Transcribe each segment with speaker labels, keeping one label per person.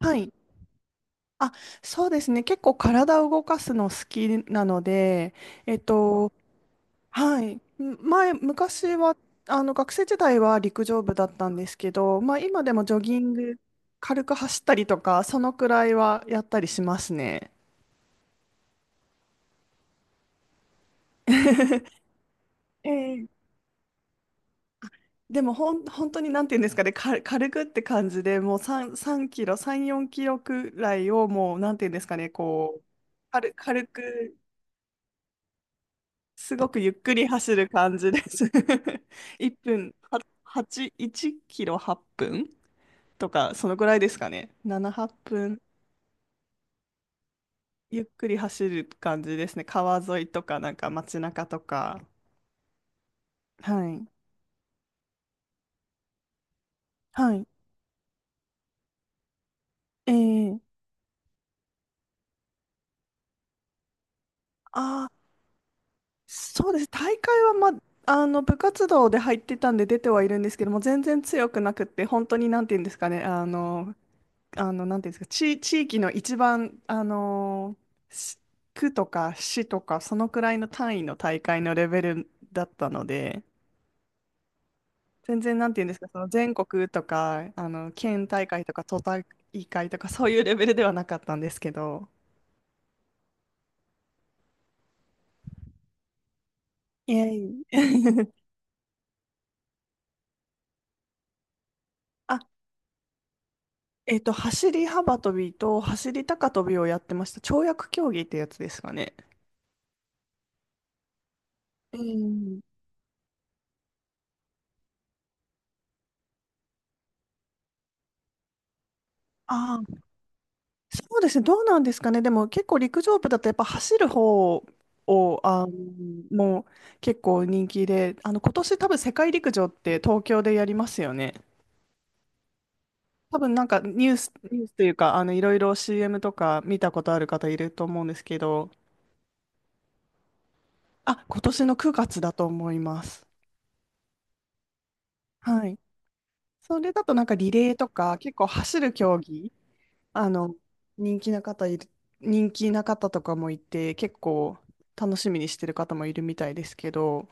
Speaker 1: はい。あ、そうですね。結構体を動かすの好きなので、えっと、はい。昔は、学生時代は陸上部だったんですけど、まあ今でもジョギング、軽く走ったりとか、そのくらいはやったりしますね。ええでも本当になんていうんですかね、軽くって感じで、もう3、3キロ、3、4キロくらいをもう、なんていうんですかね、こう、軽くすごくゆっくり走る感じです。1分、は、8、1キロ8分とか、そのぐらいですかね。7、8分、ゆっくり走る感じですね。川沿いとか、なんか街中とか。はい。はい。えー、あー、そうです。大会は、ま、部活動で入ってたんで出てはいるんですけども、全然強くなくって、本当になんて言うんですかね、なんていうんですか、地域の一番、あのーし区とか市とか、そのくらいの単位の大会のレベルだったので、全然、なんていうんですか、その全国とか、県大会とか、都大会とか、そういうレベルではなかったんですけど。いえいえ。あ、走り幅跳びと走り高跳びをやってました。跳躍競技ってやつですかね。うん、あ、そうですね、どうなんですかね、でも結構陸上部だとやっぱ走る方をもう結構人気で、今年多分世界陸上って東京でやりますよね。多分なんかニュースというか、いろいろ CM とか見たことある方いると思うんですけど、あ、今年の9月だと思います。はい。それだとなんかリレーとか結構走る競技、あの人気な方いる、人気な方とかもいて結構楽しみにしてる方もいるみたいですけど、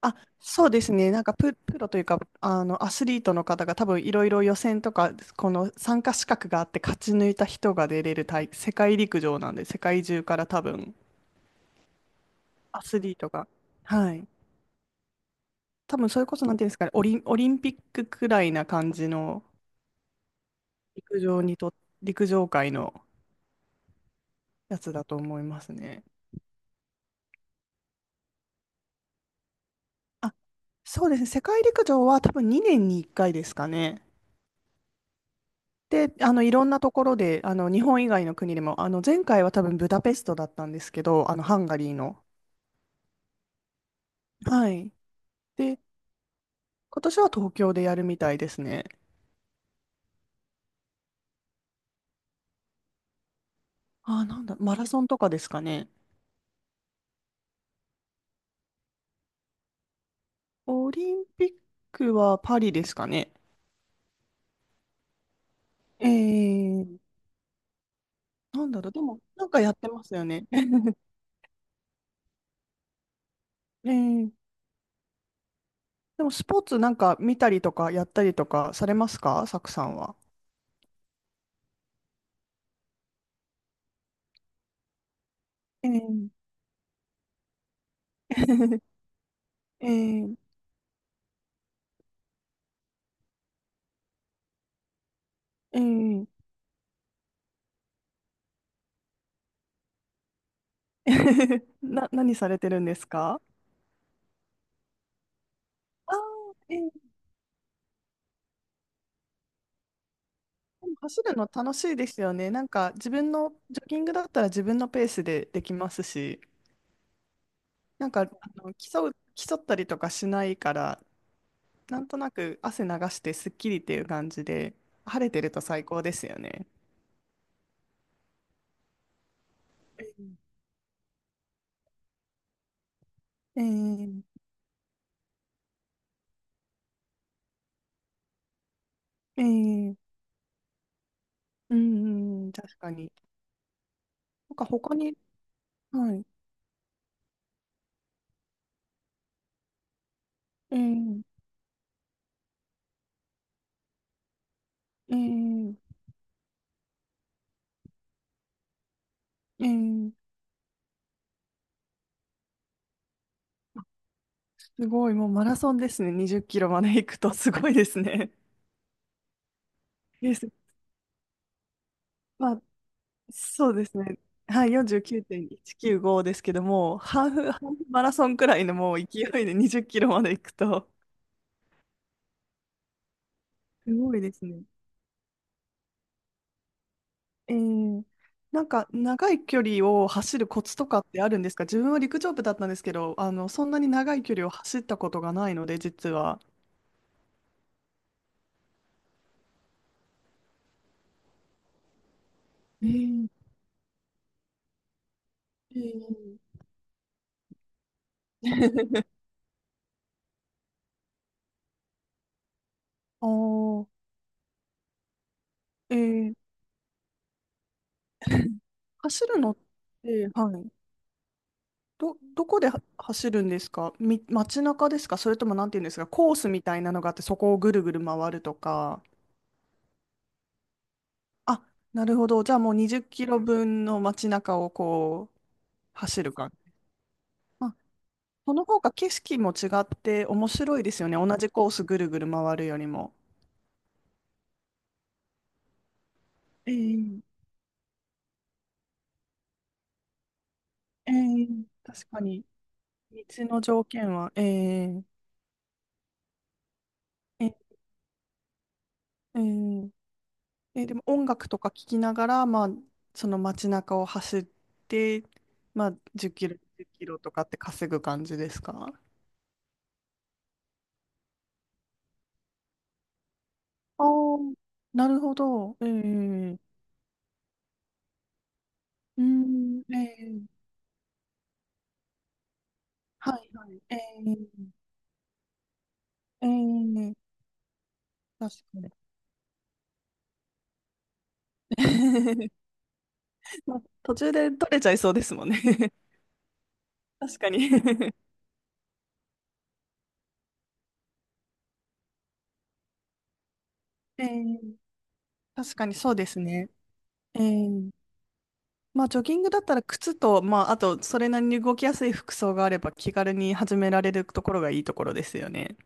Speaker 1: あ、そうですね。なんかプロというか、アスリートの方が多分いろいろ予選とか、この参加資格があって勝ち抜いた人が出れる世界陸上なんで、世界中から多分アスリートが、はい。多分それこそ、なんていうんですかね、オリンピックくらいな感じの陸上にと、陸上界のやつだと思いますね。あ、そうですね。世界陸上は多分2年に1回ですかね。で、いろんなところで、日本以外の国でも、前回は多分ブダペストだったんですけど、ハンガリーの。はい。で、今年は東京でやるみたいですね。なんだ、マラソンとかですかね。オリンピックはパリですかね。えー、なんだろう、でも、なんかやってますよね。えー、でも、スポーツなんか見たりとか、やったりとかされますか、サクさんは？えー、えー、えー、何されてるんですか？ああーえでも走るの楽しいですよね。なんか自分のジョギングだったら自分のペースでできますし、なんか競ったりとかしないから、なんとなく汗流してすっきりっていう感じで、晴れてると最高ですよね。えー、えー、うん、うん、確かに。なんか他に、はい、えー、えー、えー、すごい、もうマラソンですね。20キロまで行くとすごいですね。です。まあ、そうですね。はい、49.195ですけども、ハーフマラソンくらいのもう勢いで20キロまで行くと、すごいですね。えー、なんか長い距離を走るコツとかってあるんですか？自分は陸上部だったんですけど、そんなに長い距離を走ったことがないので、実は。えー、えー あーえー走るのって、はい。どこでは走るんですか？街中ですか？それともなんていうんですかコースみたいなのがあってそこをぐるぐる回るとか。あ、なるほど。じゃあもう20キロ分の街中をこう走るか。まあ、その方が景色も違って面白いですよね。同じコースぐるぐる回るよりも。ええええ、確かに。道の条件は、えええええええ、でも音楽とか聞きながら、まあ、その街中を走って、まあ、10キロ、1キロとかって稼ぐ感じですか？ああー、なるほど。ええ、うーん、ええ、はいはい、ええええ、確かに。まあ、途中で取れちゃいそうですもんね。 確かに。 ええ、確かにそうですね。ええ、まあ、ジョギングだったら靴と、まあ、あと、それなりに動きやすい服装があれば気軽に始められるところがいいところですよね。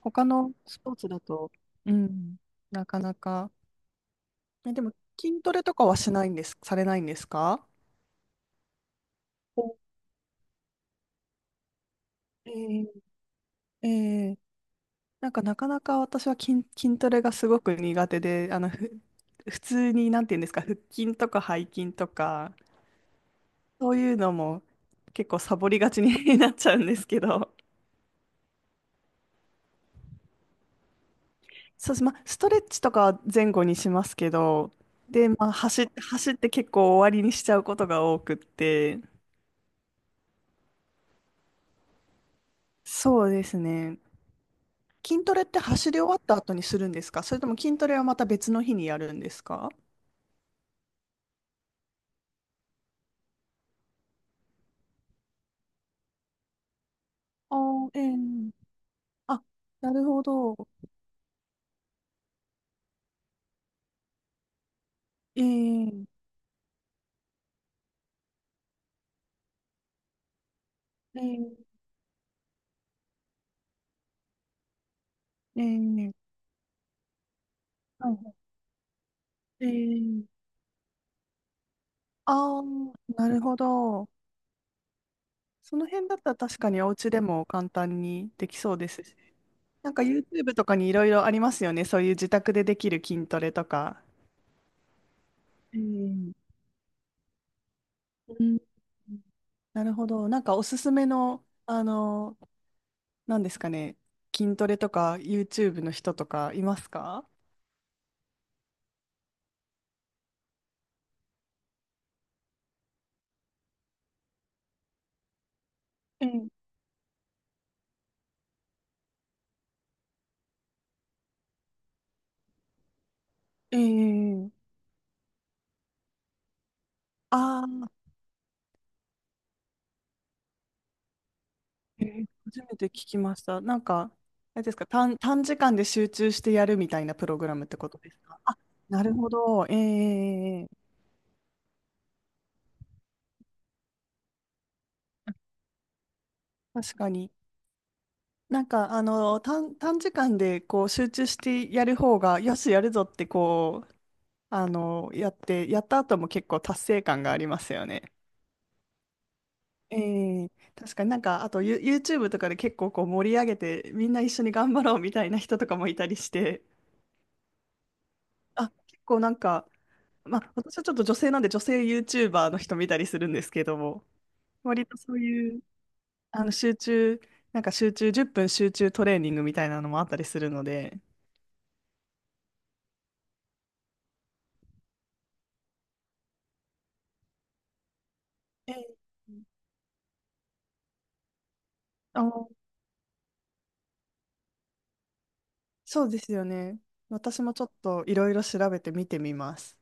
Speaker 1: 他のスポーツだと、うん、なかなか。でも、筋トレとかはしないんです、されないんですか？おえーえーなんか、なかなか私は筋トレがすごく苦手で、普通に、なんていうんですか、腹筋とか背筋とか、そういうのも結構サボりがちに なっちゃうんですけど。そうです。まあ、ストレッチとかは前後にしますけど、で、まあ、走って結構終わりにしちゃうことが多くって、そうですね。筋トレって走り終わった後にするんですか？それとも筋トレはまた別の日にやるんですか？ええ、あ、なるほど。ええええええ、はい、ええ、なるほど。その辺だったら確かにお家でも簡単にできそうですし、なんか YouTube とかにいろいろありますよね。そういう自宅でできる筋トレとか。うん、うん、なるほど。なんかおすすめの、なんですかね、筋トレとか YouTube の人とかいますか？ええ、ええ、ああー、ええ、初めて聞きました。なんか、あれですか、短時間で集中してやるみたいなプログラムってことですか？あ、なるほど。ええええええ、確かに。なんか、短時間でこう集中してやる方が、よし、やるぞってこう、やった後も結構達成感がありますよね。ええ、確かになんか、あと、YouTube とかで結構こう盛り上げて、みんな一緒に頑張ろうみたいな人とかもいたりして、あ、結構なんか、まあ、私はちょっと女性なんで女性 YouTuber の人見たりするんですけども、割とそういう、集中、なんか集中、10分集中トレーニングみたいなのもあったりするので、ええあーそうですよね。私もちょっといろいろ調べて見てみます。